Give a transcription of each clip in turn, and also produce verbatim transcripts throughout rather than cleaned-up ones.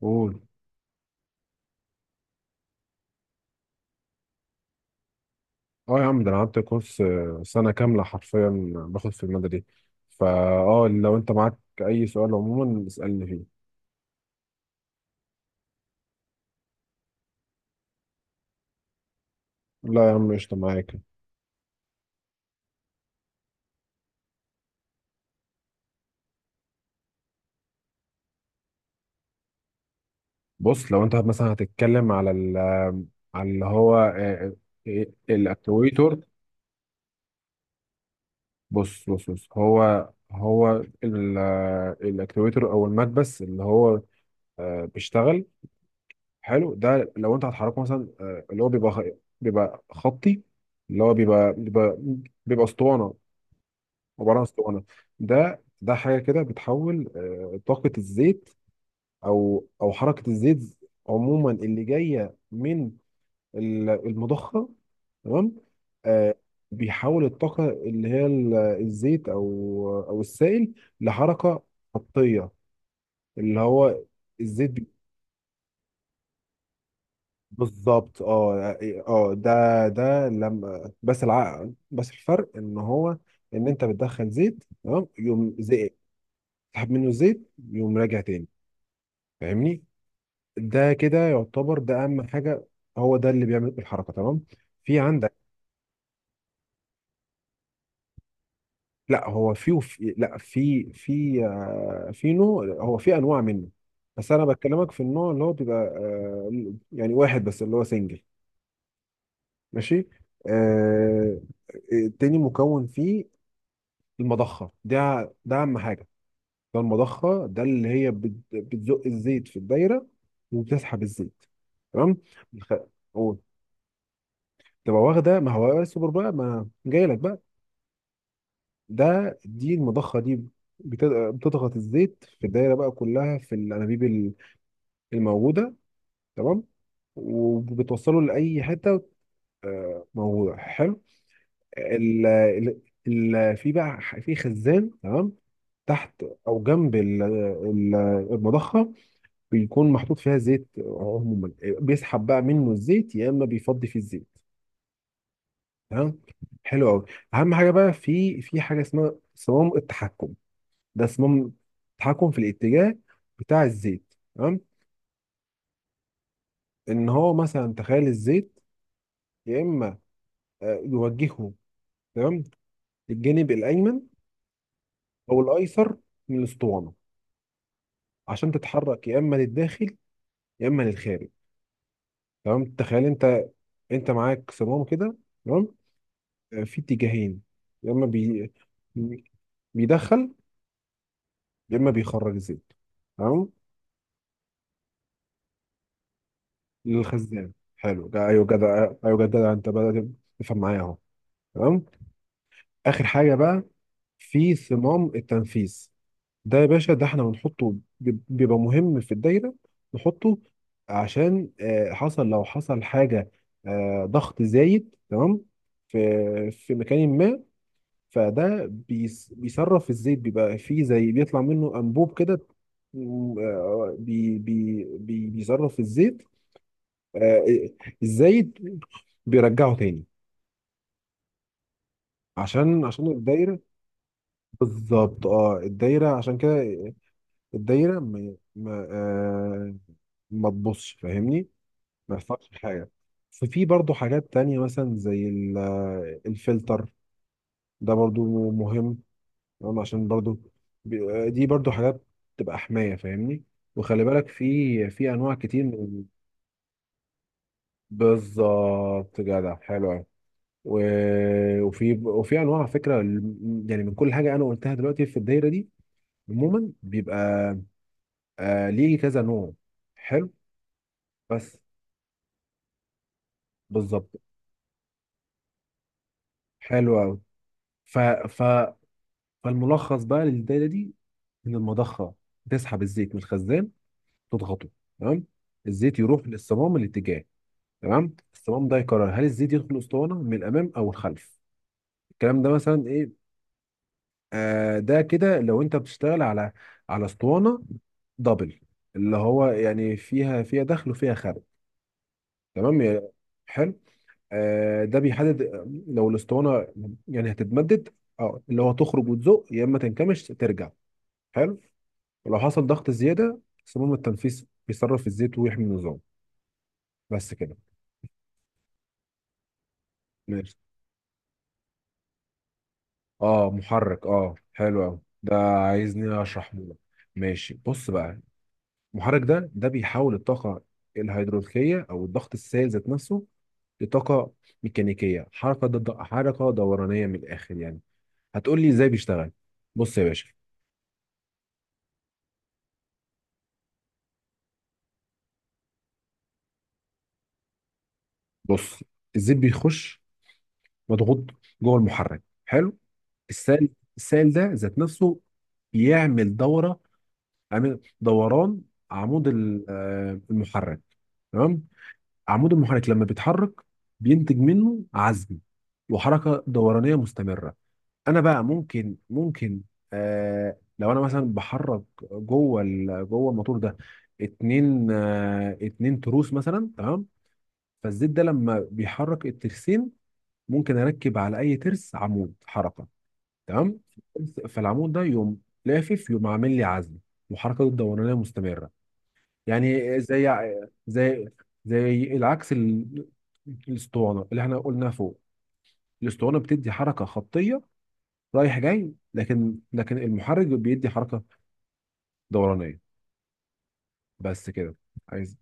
قول. اه يا عم، ده انا قعدت كورس آه، سنه كامله حرفيا باخد في الماده دي. فا اه، لو انت معاك اي سؤال عموما اسالني فيه. لا يا عم، قشطه معاك. بص، لو انت مثلا هتتكلم على ال على اللي هو الاكتويتر. بص بص بص، هو هو الاكتويتر او المكبس اللي هو آه، بيشتغل. حلو، ده لو انت هتحركه مثلا، آه، اللي هو بيبقى خ- بيبقى خطي اللي هو بيبقى بيبقى بيبقى اسطوانه، عباره عن اسطوانه. ده ده حاجه كده بتحول آه، طاقه الزيت، او او حركه الزيت، عموما، اللي جايه من ال- المضخه، تمام. آه، بيحول الطاقه اللي هي ال- الزيت او او السائل لحركه خطيه، اللي هو الزيت بي- بالظبط. اه اه، آه، ده ده لما بس، العقل، بس الفرق ان هو ان انت بتدخل زيت، تمام، يقوم زي- تسحب منه الزيت يقوم راجع تاني، فاهمني. ده كده يعتبر، ده اهم حاجه، هو ده اللي بيعمل الحركه، تمام. في عندك، لا هو في وفي لا في في آه، في نوع، هو في انواع منه. بس انا بكلمك في النوع اللي هو بيبقى آه، يعني واحد بس، اللي هو سنجل، ماشي. آه، التاني مكون فيه المضخه، ده ده اهم حاجه، ده المضخه ده اللي هي بت- بتزق الزيت في الدايره وبتسحب الزيت، تمام. الخ- قول. تبقى واخده، ما هو السوبر بقى ما جاي لك بقى. ده دي المضخه دي بت- بتضغط الزيت في الدايره بقى كلها في الانابيب ال- الموجوده، تمام، وبتوصله لاي حته موجوده، حلو. ال ال ال في بقى ح- في خزان، تمام، تحت او جنب ال- ال- المضخه، بيكون محطوط فيها زيت عموما، بيسحب بقى منه الزيت يا اما بيفضي فيه الزيت، تمام، حلو قوي. اهم حاجه بقى، في في حاجه اسمها صمام التحكم، ده صمام التحكم في الاتجاه بتاع الزيت، تمام، ان هو مثلا تخيل الزيت يا اما آه، يوجهه، تمام، للجانب الايمن او الايسر من الاسطوانه، عشان تتحرك يا اما للداخل يا اما للخارج، تمام. تخيل انت، انت معاك صمام كده، تمام، آه، في اتجاهين، يا اما بي... بيدخل يا اما بيخرج الزيت، تمام، للخزان، حلو. ده، ايوه جدع، ايوه جدع، انت بدأت تفهم معايا اهو، تمام. اخر حاجه بقى، في صمام التنفيذ، ده يا باشا ده احنا بنحطه، بي- بيبقى مهم في الدايره نحطه، عشان، آه، حصل، لو حصل حاجه، آه، ضغط زايد، تمام، في في مكان ما، فده بيس- بيصرف الزيت، بيبقى فيه زي بيطلع منه انبوب كده، م- آه، بي بي بي- بيصرف الزيت. آه، ازاي بيرجعوا تاني، عشان عشان الدايره، بالظبط اه، الدايره عشان كده. الدايره ما ما, آه ما تبصش فاهمني، ما يحصلش حاجه. ففي برضو حاجات تانية، مثلا زي ال- آه، الفلتر، ده برضو مهم، تمام؟ عشان برضو بي- آه، دي برضو حاجات تبقى حمايه، فاهمني. وخلي بالك، في في انواع كتير من، بالظبط جدع، حلو أوي. و- وفي وفي انواع على فكره، ال- يعني من كل حاجه انا قلتها دلوقتي في الدايره دي، عموما بيبقى آه ليه كذا نوع، حلو بس، بالظبط، حلو قوي. ف ف فالملخص بقى للدايره دي، ان المضخه تسحب الزيت من الخزان تضغطه، تمام، الزيت يروح للصمام الاتجاه، تمام، الصمام ده يقرر هل الزيت يدخل الاسطوانه من الامام او الخلف، الكلام ده مثلا ايه. آه، ده كده لو انت بتشتغل على على اسطوانه دبل، اللي هو يعني فيها فيها دخل وفيها خارج، تمام، يا- حلو. آه، ده بيحدد لو الاسطوانه يعني هتتمدد، اه، اللي هو تخرج وتزق يا اما تنكمش ترجع، حلو. ولو حصل ضغط زياده صمام التنفيذ بيصرف الزيت ويحمي النظام، بس كده، ماشي. اه محرك، اه حلو قوي، ده عايزني اشرحه لك، ماشي بص بقى. المحرك ده ده بيحول الطاقة الهيدروليكية أو الضغط السائل ذات نفسه لطاقة ميكانيكية، حركة ضد حركة دورانية من الآخر يعني. هتقول لي إزاي بيشتغل؟ بص يا باشا، بص الزيت بيخش مضغوط جوه المحرك، حلو. السائل السائل ده ذات نفسه بيعمل دورة، عامل دوران عمود ال- آه، المحرك، تمام، عمود المحرك لما بيتحرك بينتج منه عزم وحركة دورانية مستمرة. انا بقى، ممكن ممكن آه لو انا مثلا بحرك جوه ال- جوه الموتور ده اتنين آه اتنين تروس مثلا، تمام. فالزيت ده لما بيحرك الترسين، ممكن اركب على اي ترس عمود حركه، تمام، فالعمود ده يقوم لافف، يقوم عامل لي عزم، وحركته الدورانيه مستمره. يعني زي زي زي العكس، ال- الاسطوانه اللي احنا قلناها فوق، الاسطوانه بتدي حركه خطيه رايح جاي، لكن لكن المحرك بيدي حركه دورانيه، بس كده. عايز،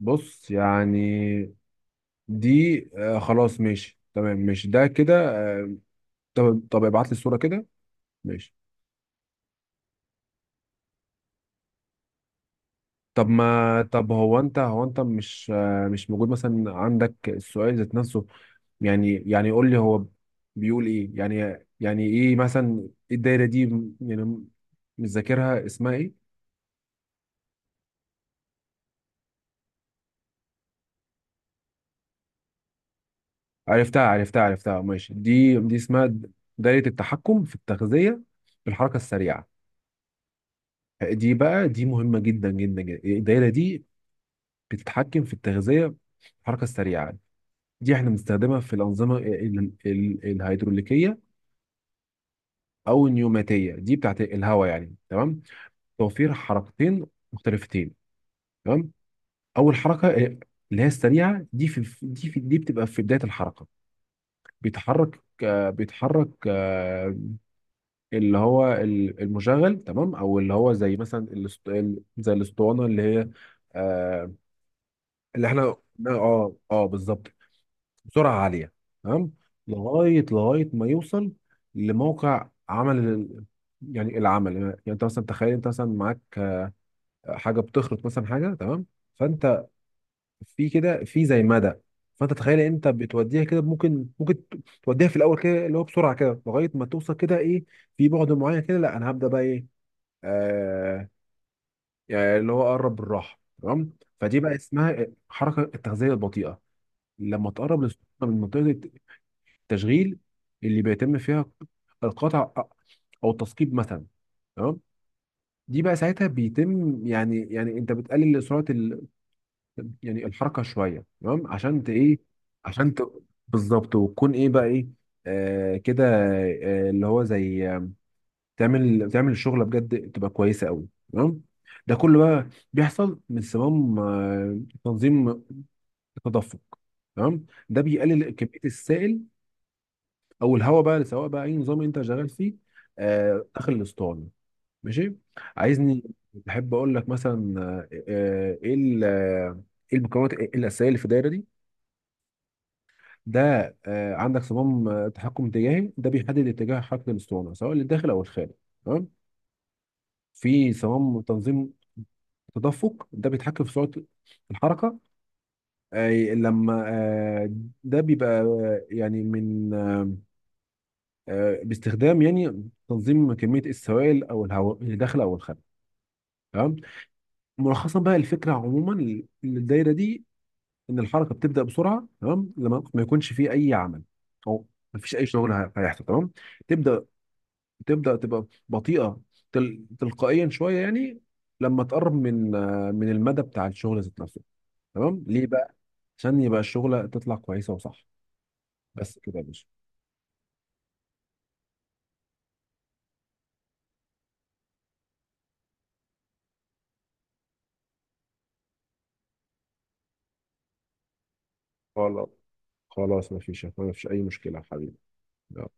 بص يعني، دي آه خلاص، ماشي تمام، ماشي ده كده، طب طب ابعت لي الصوره كده، ماشي. طب ما طب هو انت، هو انت مش آه مش موجود مثلا عندك السؤال ذات نفسه، يعني يعني قول لي هو بيقول ايه، يعني يعني ايه مثلا، إيه الدايره دي يعني، مش ذاكرها اسمها ايه؟ عرفتها عرفتها عرفتها ماشي، دي دي اسمها دايرة التحكم في التغذية بالحركة السريعة. دي بقى، دي مهمة جدا جدا جدا، الدايرة دي بتتحكم في التغذية بالحركة السريعة. دي احنا بنستخدمها في الأنظمة ال- ال- الهيدروليكية، أو النيوماتية دي بتاعت الهواء يعني، تمام، توفير حركتين مختلفتين، تمام. أول حركة اللي هي السريعة دي، في دي في دي بتبقى في بداية الحركة. بيتحرك، آه، بيتحرك آه، اللي هو ال- المشغل، تمام، او اللي هو زي مثلا الاست... ال- زي الاسطوانه اللي هي آه، اللي احنا، اه اه بالظبط، بسرعه عاليه، تمام. لغايه لغايه ما يوصل لموقع عمل ال- يعني العمل، يعني انت مثلا تخيل، انت مثلا معاك حاجه بتخرط مثلا حاجه، تمام، فانت في كده في زي مدى، فانت تخيل، انت بتوديها كده، ممكن ممكن توديها في الاول كده اللي هو بسرعه كده، لغايه ما توصل كده، ايه، في بعد معين كده لا، انا هبدا بقى، ايه، آه، يعني اللي هو قرب بالراحه، تمام. فدي بقى اسمها حركه التغذيه البطيئه، لما تقرب للسخونه من منطقه التشغيل اللي بيتم فيها القطع او التثقيب مثلا، تمام. دي بقى ساعتها بيتم، يعني يعني انت بتقلل سرعه ال... يعني الحركه شويه، تمام، عشان ت ايه، عشان ت... بالظبط، وتكون ايه بقى، ايه، آه كده، آه اللي هو زي تعمل تعمل الشغله بجد تبقى كويسه قوي، تمام. ده كله بقى بيحصل من صمام آه، تنظيم التدفق، تمام، ده بيقلل كميه السائل او الهواء بقى، سواء بقى اي نظام انت شغال فيه، آه، داخل الاسطوانه، ماشي. عايزني، بحب اقول لك مثلا آه، آه، ايه ال- آه، ايه المكونات الاساسيه اللي في الدايره دي. ده آه، عندك صمام آه، تحكم اتجاهي ده بيحدد اتجاه حركه الاسطوانه سواء للداخل او الخارج، تمام، في صمام تنظيم تدفق ده بيتحكم في سرعه الحركه. آه، لما آه، ده بيبقى آه، يعني، من آه، باستخدام يعني تنظيم كميه السوائل او الهواء اللي داخله او الخارجه، تمام. ملخصا بقى الفكره عموما للدايره دي، ان الحركه بتبدا بسرعه، تمام، لما ما يكونش فيه اي عمل، او ما فيش اي شغل هي- هيحصل، تمام. تبدا تبدا تبقى بطيئه، تل- تلقائيا شويه يعني، لما تقرب من آه، من المدى بتاع الشغل ذات نفسه، تمام، ليه بقى؟ عشان يبقى الشغلة تطلع كويسة وصح، بس كده يا باشا. خلاص، خلاص ما فيش ما فيش أي مشكلة يا حبيبي. يلا.